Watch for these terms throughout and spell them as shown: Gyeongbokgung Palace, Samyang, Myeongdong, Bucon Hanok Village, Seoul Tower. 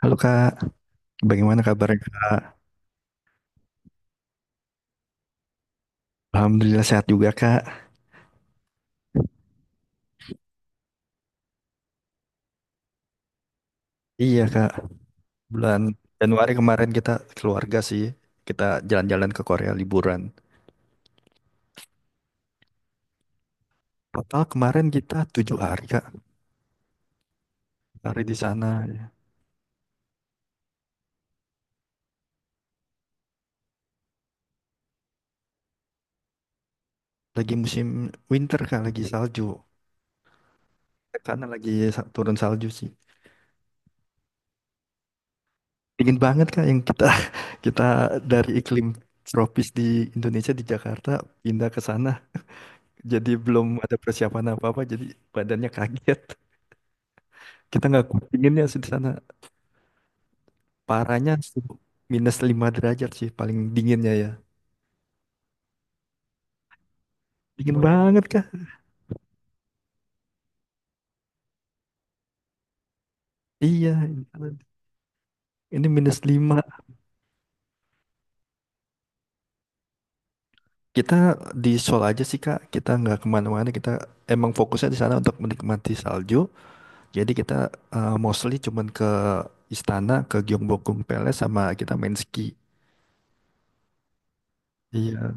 Halo Kak, bagaimana kabarnya Kak? Alhamdulillah sehat juga Kak. Iya Kak, bulan Januari kemarin kita keluarga sih, kita jalan-jalan ke Korea liburan. Total kemarin kita 7 hari Kak, hari di sana. Ya. Lagi musim winter Kak, lagi salju. Karena lagi turun salju sih. Dingin banget Kak yang kita kita dari iklim tropis di Indonesia di Jakarta pindah ke sana. Jadi belum ada persiapan apa-apa, jadi badannya kaget. Kita nggak kuat dinginnya sih di sana. Parahnya suhu -5 derajat sih paling dinginnya ya. Dingin banget kah? Iya, ini -5. Kita di Seoul aja sih Kak, kita nggak kemana-mana. Kita emang fokusnya di sana untuk menikmati salju. Jadi kita mostly cuman ke istana, ke Gyeongbokgung Palace sama kita main ski. Iya.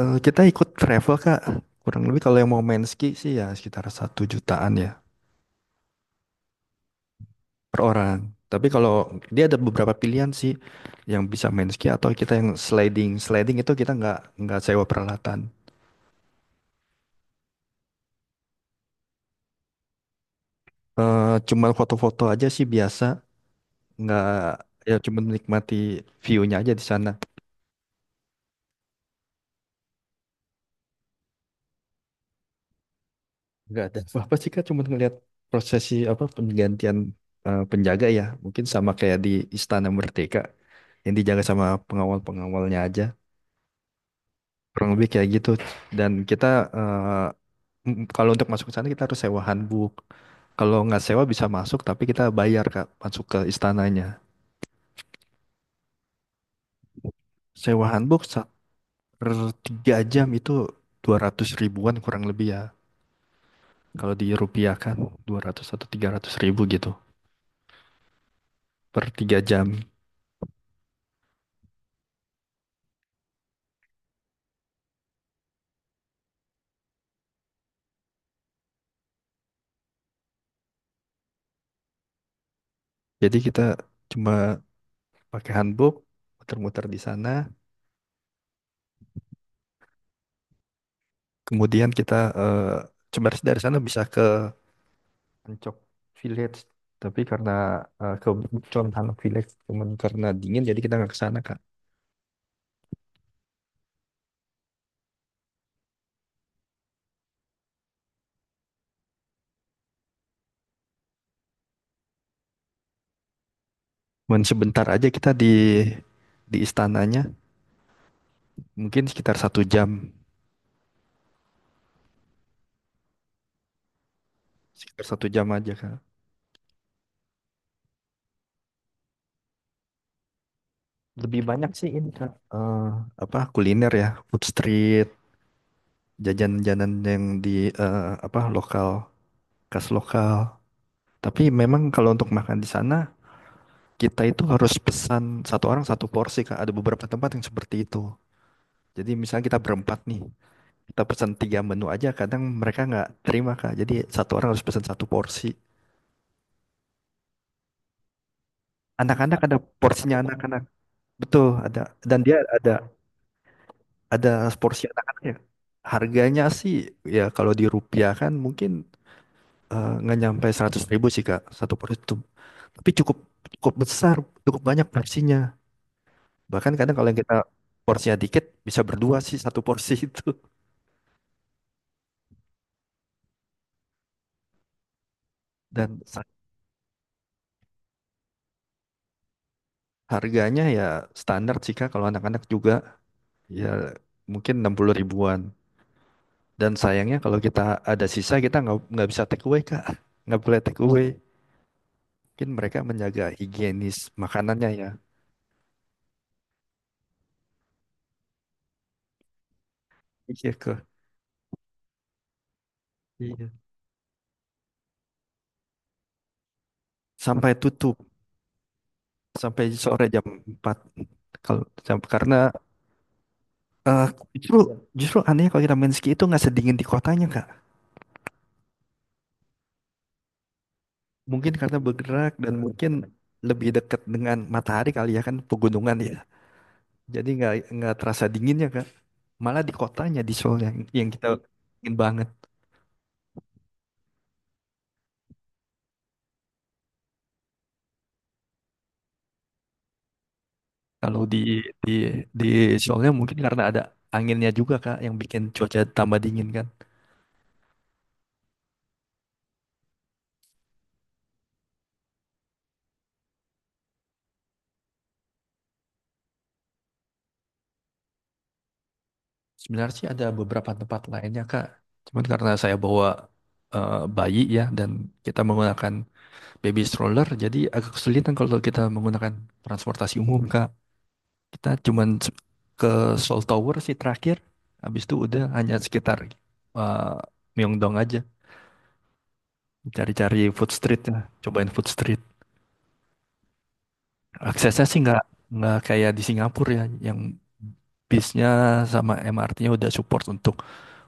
Kita ikut travel Kak. Kurang lebih kalau yang mau main ski sih ya sekitar 1 jutaan ya. Per orang. Tapi kalau dia ada beberapa pilihan sih yang bisa main ski atau kita yang sliding. Sliding itu kita nggak sewa peralatan. Cuma foto-foto aja sih biasa. Nggak, ya cuma menikmati view-nya aja di sana. Nggak ada apa-apa sih Kak, cuma ngeliat prosesi apa penggantian penjaga ya. Mungkin sama kayak di Istana Merdeka yang dijaga sama pengawal-pengawalnya aja. Kurang lebih kayak gitu. Dan kita, eh, kalau untuk masuk ke sana kita harus sewa hanbok. Kalau nggak sewa bisa masuk, tapi kita bayar Kak, masuk ke istananya. Sewa hanbok per 3 jam itu 200 ribuan kurang lebih ya. Kalau dirupiahkan 200 atau 300 ribu gitu per 3 jam. Jadi kita cuma pakai hanbok, muter-muter di sana. Kemudian kita, eh, sebenarnya dari sana bisa ke Ancok Village. Tapi karena, ke Bucon Hanok Village, cuman karena dingin jadi kita nggak ke sana Kak. Cuman sebentar aja kita di istananya, mungkin sekitar 1 jam, sekitar satu jam aja Kak. Lebih banyak sih ini Kak. Apa kuliner ya, food street, jajan-jajanan yang di, apa lokal, khas lokal. Tapi memang kalau untuk makan di sana, kita itu harus pesan satu orang satu porsi Kak. Ada beberapa tempat yang seperti itu. Jadi misalnya kita berempat nih, kita pesan tiga menu aja kadang mereka nggak terima Kak, jadi satu orang harus pesan satu porsi. Anak-anak ada porsinya anak-anak, betul ada, dan dia ada porsi anak anaknya. Harganya sih, ya kalau di rupiah kan mungkin, nggak nyampe 100 ribu sih Kak satu porsi itu. Tapi cukup, cukup besar, cukup banyak porsinya. Bahkan kadang kalau yang kita porsinya dikit bisa berdua sih satu porsi itu. Dan harganya ya standar sih Kak, kalau anak-anak juga ya mungkin 60 ribuan. Dan sayangnya kalau kita ada sisa kita nggak bisa take away Kak. Nggak boleh take away. Mungkin mereka menjaga higienis makanannya ya. Iya kok. Iya. Sampai tutup, sampai sore jam 4. Karena, eh, justru justru aneh kalau kita main ski itu nggak sedingin di kotanya Kak. Mungkin karena bergerak dan mungkin lebih dekat dengan matahari kali ya, kan pegunungan ya. Jadi nggak terasa dinginnya Kak. Malah di kotanya di Seoul yang kita ingin banget. Kalau di di di Sholnya mungkin karena ada anginnya juga Kak yang bikin cuaca tambah dingin kan. Sebenarnya sih ada beberapa tempat lainnya Kak. Cuman karena saya bawa, bayi ya, dan kita menggunakan baby stroller jadi agak kesulitan kalau kita menggunakan transportasi umum Kak. Kita cuman ke Seoul Tower sih terakhir. Habis itu udah hanya sekitar, eh, Myeongdong aja. Cari-cari food street lah. Cobain food street. Aksesnya sih nggak kayak di Singapura ya, yang bisnya sama MRT-nya udah support untuk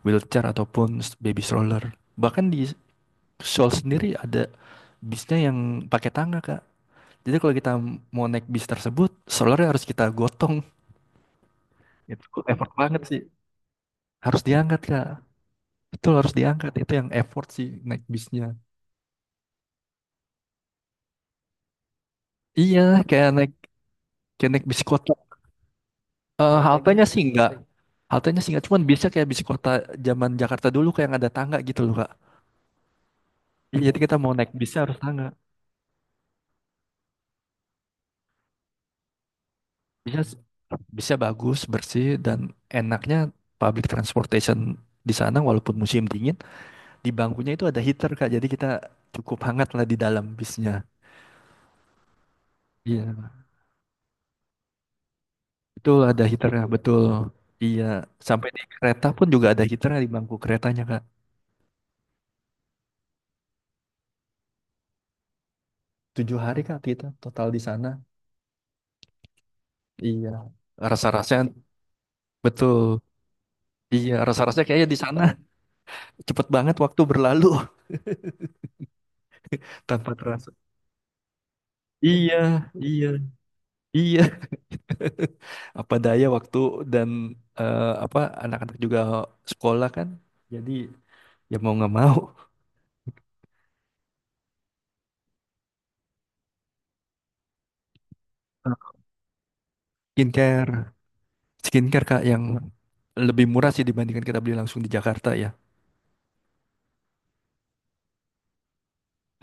wheelchair ataupun baby stroller. Bahkan di Seoul sendiri ada bisnya yang pakai tangga, Kak. Jadi kalau kita mau naik bis tersebut, strollernya harus kita gotong. Itu effort banget sih. Harus diangkat, Kak. Betul harus diangkat. Itu yang effort sih naik bisnya. Iya, kayak naik kayak naik bis kota. Kayak haltenya gitu sih enggak, biasanya. Haltenya sih enggak, cuman biasa kayak bis kota zaman Jakarta dulu kayak yang ada tangga gitu loh, Kak. Iya, jadi kita mau naik bisnya harus tangga. Bisnya, bisnya bagus, bersih, dan enaknya public transportation di sana walaupun musim dingin, di bangkunya itu ada heater, Kak. Jadi kita cukup hangat lah di dalam bisnya. Iya, betul ada heaternya, betul. Iya, sampai di kereta pun juga ada heaternya di bangku keretanya, Kak. Tujuh hari, Kak, kita total di sana. Iya, rasa-rasanya betul. Iya, rasa-rasanya kayaknya di sana cepet banget waktu berlalu tanpa terasa. Iya, iya, iya. Apa daya waktu dan, apa anak-anak juga sekolah kan. Jadi ya mau nggak mau skincare, skincare Kak yang lebih murah sih dibandingkan kita beli langsung di Jakarta ya.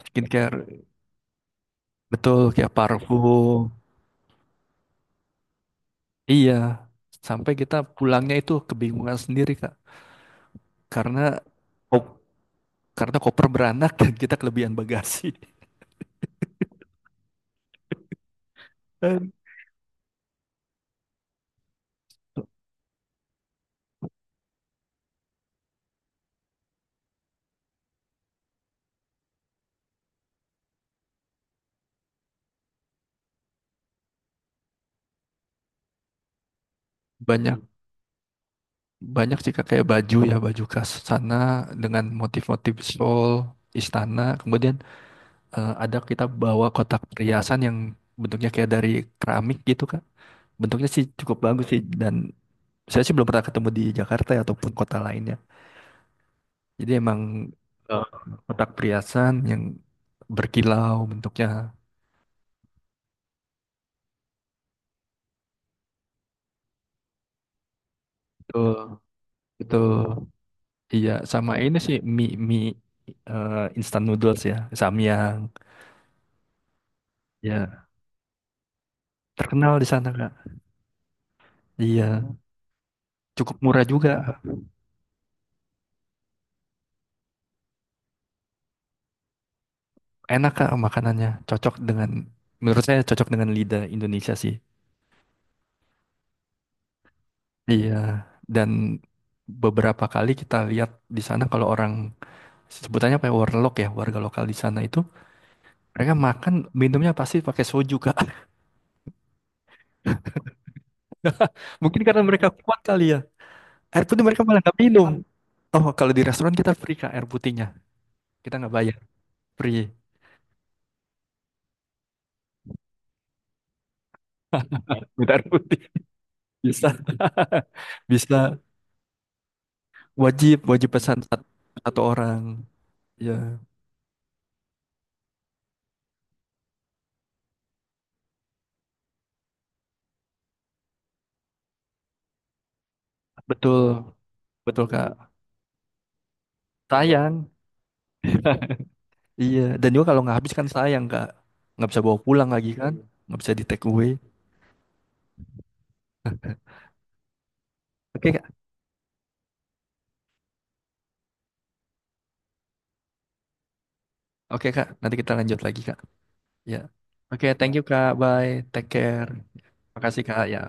Skincare betul kayak parfum. Iya, sampai kita pulangnya itu kebingungan sendiri Kak karena karena koper beranak dan kita kelebihan bagasi. Eh, Banyak, banyak sih Kak, kayak baju ya baju khas sana dengan motif-motif shawl istana. Kemudian, ada kita bawa kotak perhiasan yang bentuknya kayak dari keramik gitu Kak. Bentuknya sih cukup bagus sih, dan saya sih belum pernah ketemu di Jakarta ya, ataupun kota lainnya. Jadi emang, eh, kotak perhiasan yang berkilau bentuknya. Betul, betul. Iya, sama ini sih mie mie, instant noodles ya, Samyang. Ya, terkenal di sana, Kak. Iya, cukup murah juga. Enak, Kak, makanannya. Cocok dengan menurut saya cocok dengan lidah Indonesia sih. Iya, dan beberapa kali kita lihat di sana kalau orang sebutannya apa ya, warlock ya, warga lokal di sana itu mereka makan minumnya pasti pakai soju, Kak. Mungkin karena mereka kuat kali ya. Air putih mereka malah nggak minum. Oh, kalau di restoran kita free Kak air putihnya. Kita nggak bayar, free. Bentar putih bisa bisa wajib wajib pesan satu orang. Ya, betul betul Kak, sayang. Iya, dan juga kalau nggak habis kan sayang Kak, nggak bisa bawa pulang lagi kan, nggak bisa di take away. Oke Kak, oke Kak, nanti kita lanjut lagi Kak, ya. Oke, thank you Kak, bye, take care. Makasih Kak, ya.